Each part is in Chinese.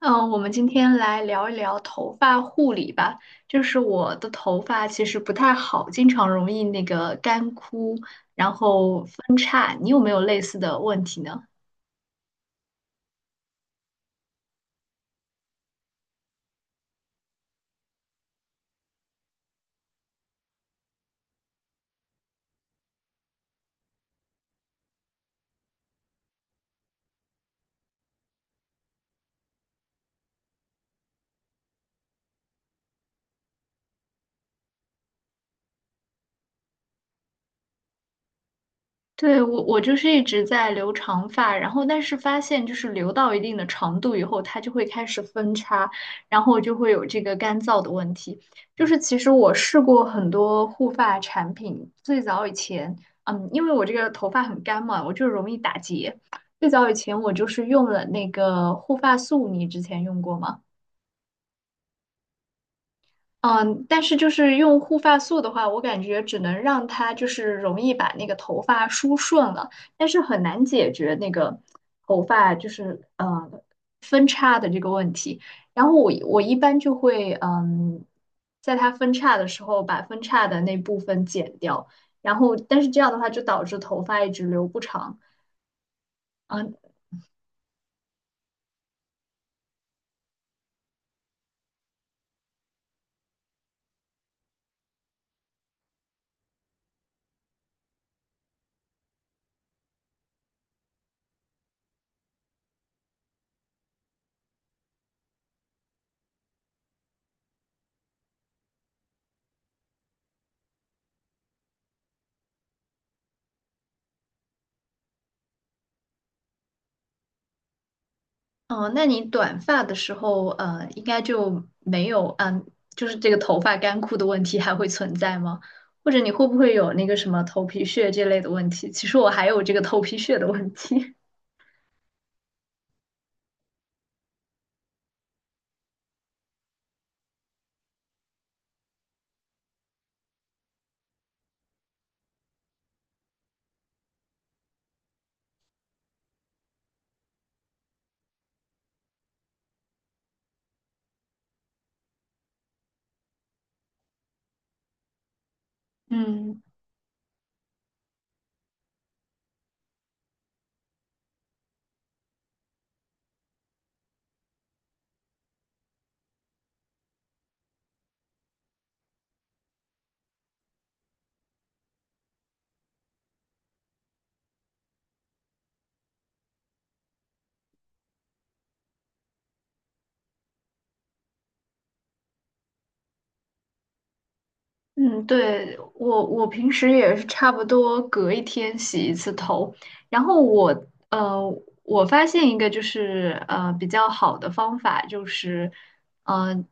我们今天来聊一聊头发护理吧。就是我的头发其实不太好，经常容易那个干枯，然后分叉。你有没有类似的问题呢？对，我就是一直在留长发，然后但是发现就是留到一定的长度以后，它就会开始分叉，然后就会有这个干燥的问题。就是其实我试过很多护发产品，最早以前，因为我这个头发很干嘛，我就容易打结。最早以前我就是用了那个护发素，你之前用过吗？嗯，但是就是用护发素的话，我感觉只能让它就是容易把那个头发梳顺了，但是很难解决那个头发就是分叉的这个问题。然后我一般就会在它分叉的时候把分叉的那部分剪掉，然后但是这样的话就导致头发一直留不长。嗯。哦，那你短发的时候，应该就没有，就是这个头发干枯的问题还会存在吗？或者你会不会有那个什么头皮屑这类的问题？其实我还有这个头皮屑的问题。嗯。嗯，对，我平时也是差不多隔一天洗一次头，然后我发现一个就是比较好的方法就是，嗯、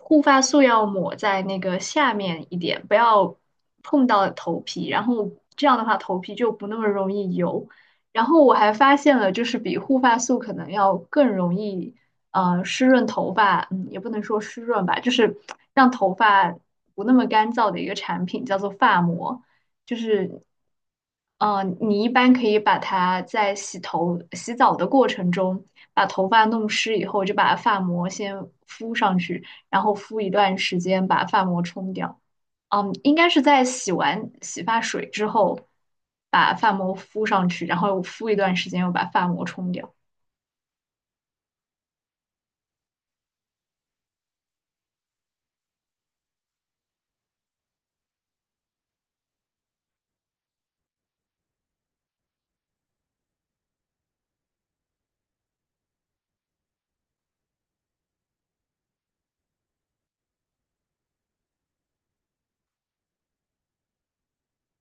护发素要抹在那个下面一点，不要碰到头皮，然后这样的话头皮就不那么容易油。然后我还发现了，就是比护发素可能要更容易。湿润头发，也不能说湿润吧，就是让头发不那么干燥的一个产品，叫做发膜，就是。你一般可以把它在洗头、洗澡的过程中，把头发弄湿以后，就把发膜先敷上去，然后敷一段时间，把发膜冲掉。应该是在洗完洗发水之后，把发膜敷上去，然后敷一段时间，又把发膜冲掉。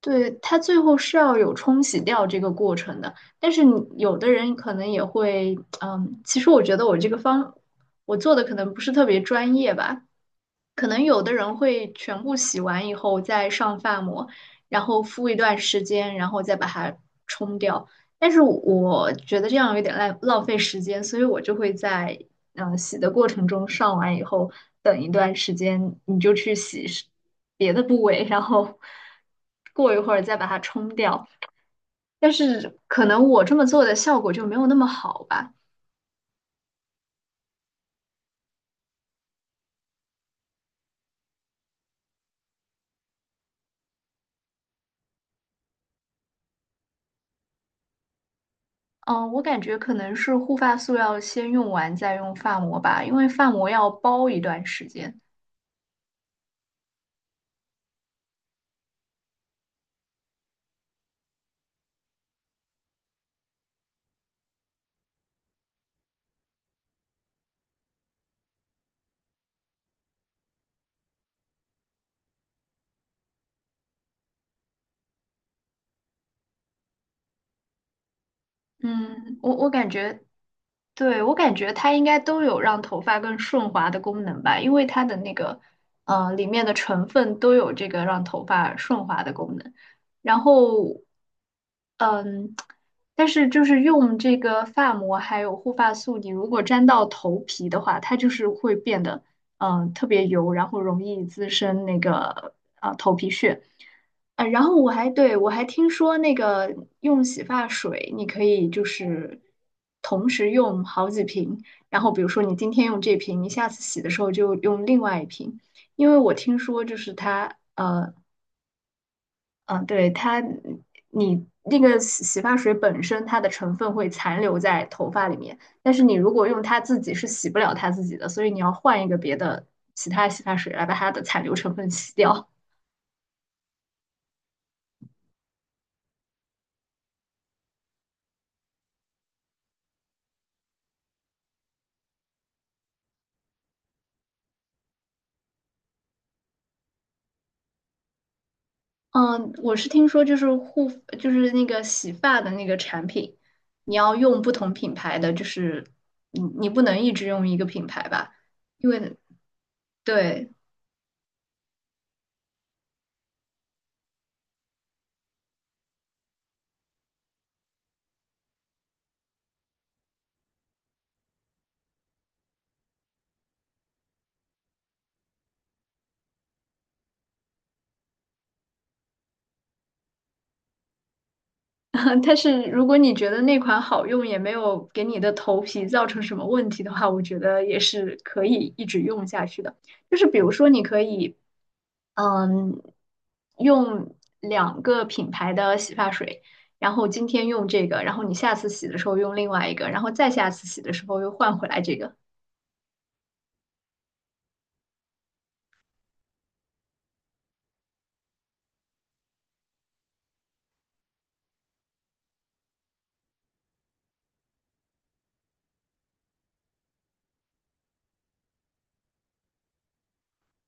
对，它最后是要有冲洗掉这个过程的，但是你有的人可能也会，其实我觉得我这个方，我做的可能不是特别专业吧，可能有的人会全部洗完以后再上发膜，然后敷一段时间，然后再把它冲掉。但是我觉得这样有点浪费时间，所以我就会在洗的过程中上完以后等一段时间，你就去洗是别的部位，然后过一会儿再把它冲掉。但是可能我这么做的效果就没有那么好吧。嗯，我感觉可能是护发素要先用完再用发膜吧，因为发膜要包一段时间。嗯，我感觉，对，我感觉它应该都有让头发更顺滑的功能吧，因为它的那个，里面的成分都有这个让头发顺滑的功能。然后，嗯，但是就是用这个发膜还有护发素，你如果沾到头皮的话，它就是会变得特别油，然后容易滋生那个啊头皮屑。然后我还听说那个用洗发水，你可以就是同时用好几瓶，然后比如说你今天用这瓶，你下次洗的时候就用另外一瓶，因为我听说就是它嗯，对，你那个洗发水本身它的成分会残留在头发里面，但是你如果用它自己是洗不了它自己的，所以你要换一个别的其他洗发水来把它的残留成分洗掉。嗯，我是听说就是就是那个洗发的那个产品，你要用不同品牌的，就是你不能一直用一个品牌吧，因为对。但是如果你觉得那款好用，也没有给你的头皮造成什么问题的话，我觉得也是可以一直用下去的。就是比如说，你可以，嗯，用两个品牌的洗发水，然后今天用这个，然后你下次洗的时候用另外一个，然后再下次洗的时候又换回来这个。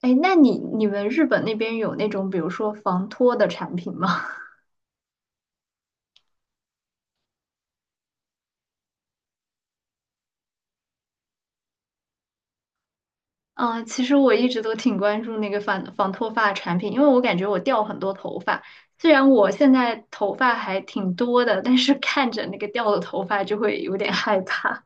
哎，那你们日本那边有那种比如说防脱的产品吗？其实我一直都挺关注那个防脱发产品，因为我感觉我掉很多头发。虽然我现在头发还挺多的，但是看着那个掉的头发就会有点害怕。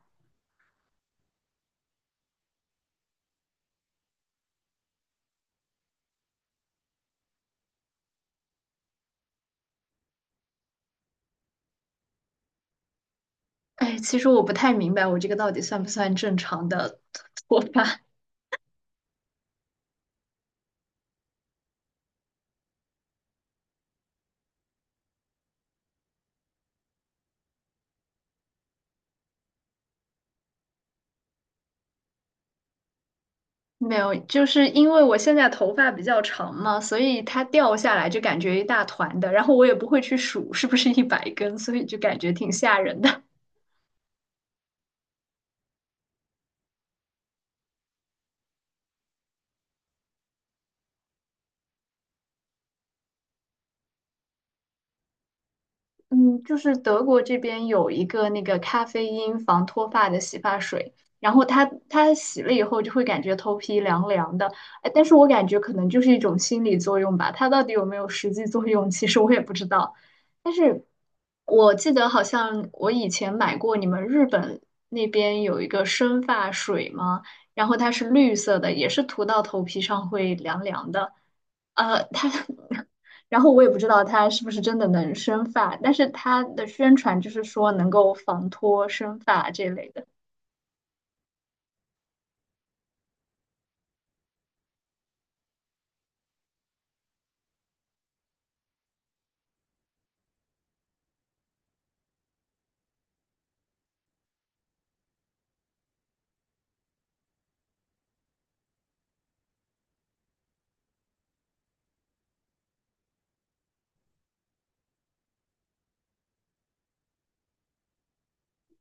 哎，其实我不太明白我这个到底算不算正常的脱发？没有，就是因为我现在头发比较长嘛，所以它掉下来就感觉一大团的，然后我也不会去数是不是100根，所以就感觉挺吓人的。嗯，就是德国这边有一个那个咖啡因防脱发的洗发水，然后它洗了以后就会感觉头皮凉凉的，哎，但是我感觉可能就是一种心理作用吧，它到底有没有实际作用，其实我也不知道。但是我记得好像我以前买过你们日本那边有一个生发水嘛，然后它是绿色的，也是涂到头皮上会凉凉的。呃，它 然后我也不知道它是不是真的能生发，但是它的宣传就是说能够防脱生发这类的。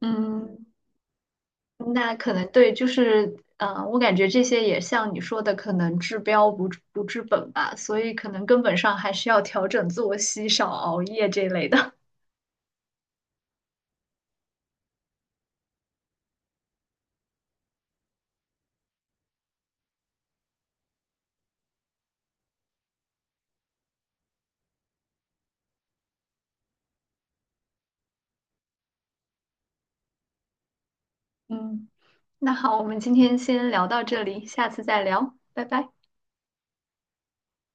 嗯，那可能对，就是我感觉这些也像你说的，可能治标不治不治本吧，所以可能根本上还是要调整作息，少熬夜这类的。嗯，那好，我们今天先聊到这里，下次再聊，拜拜。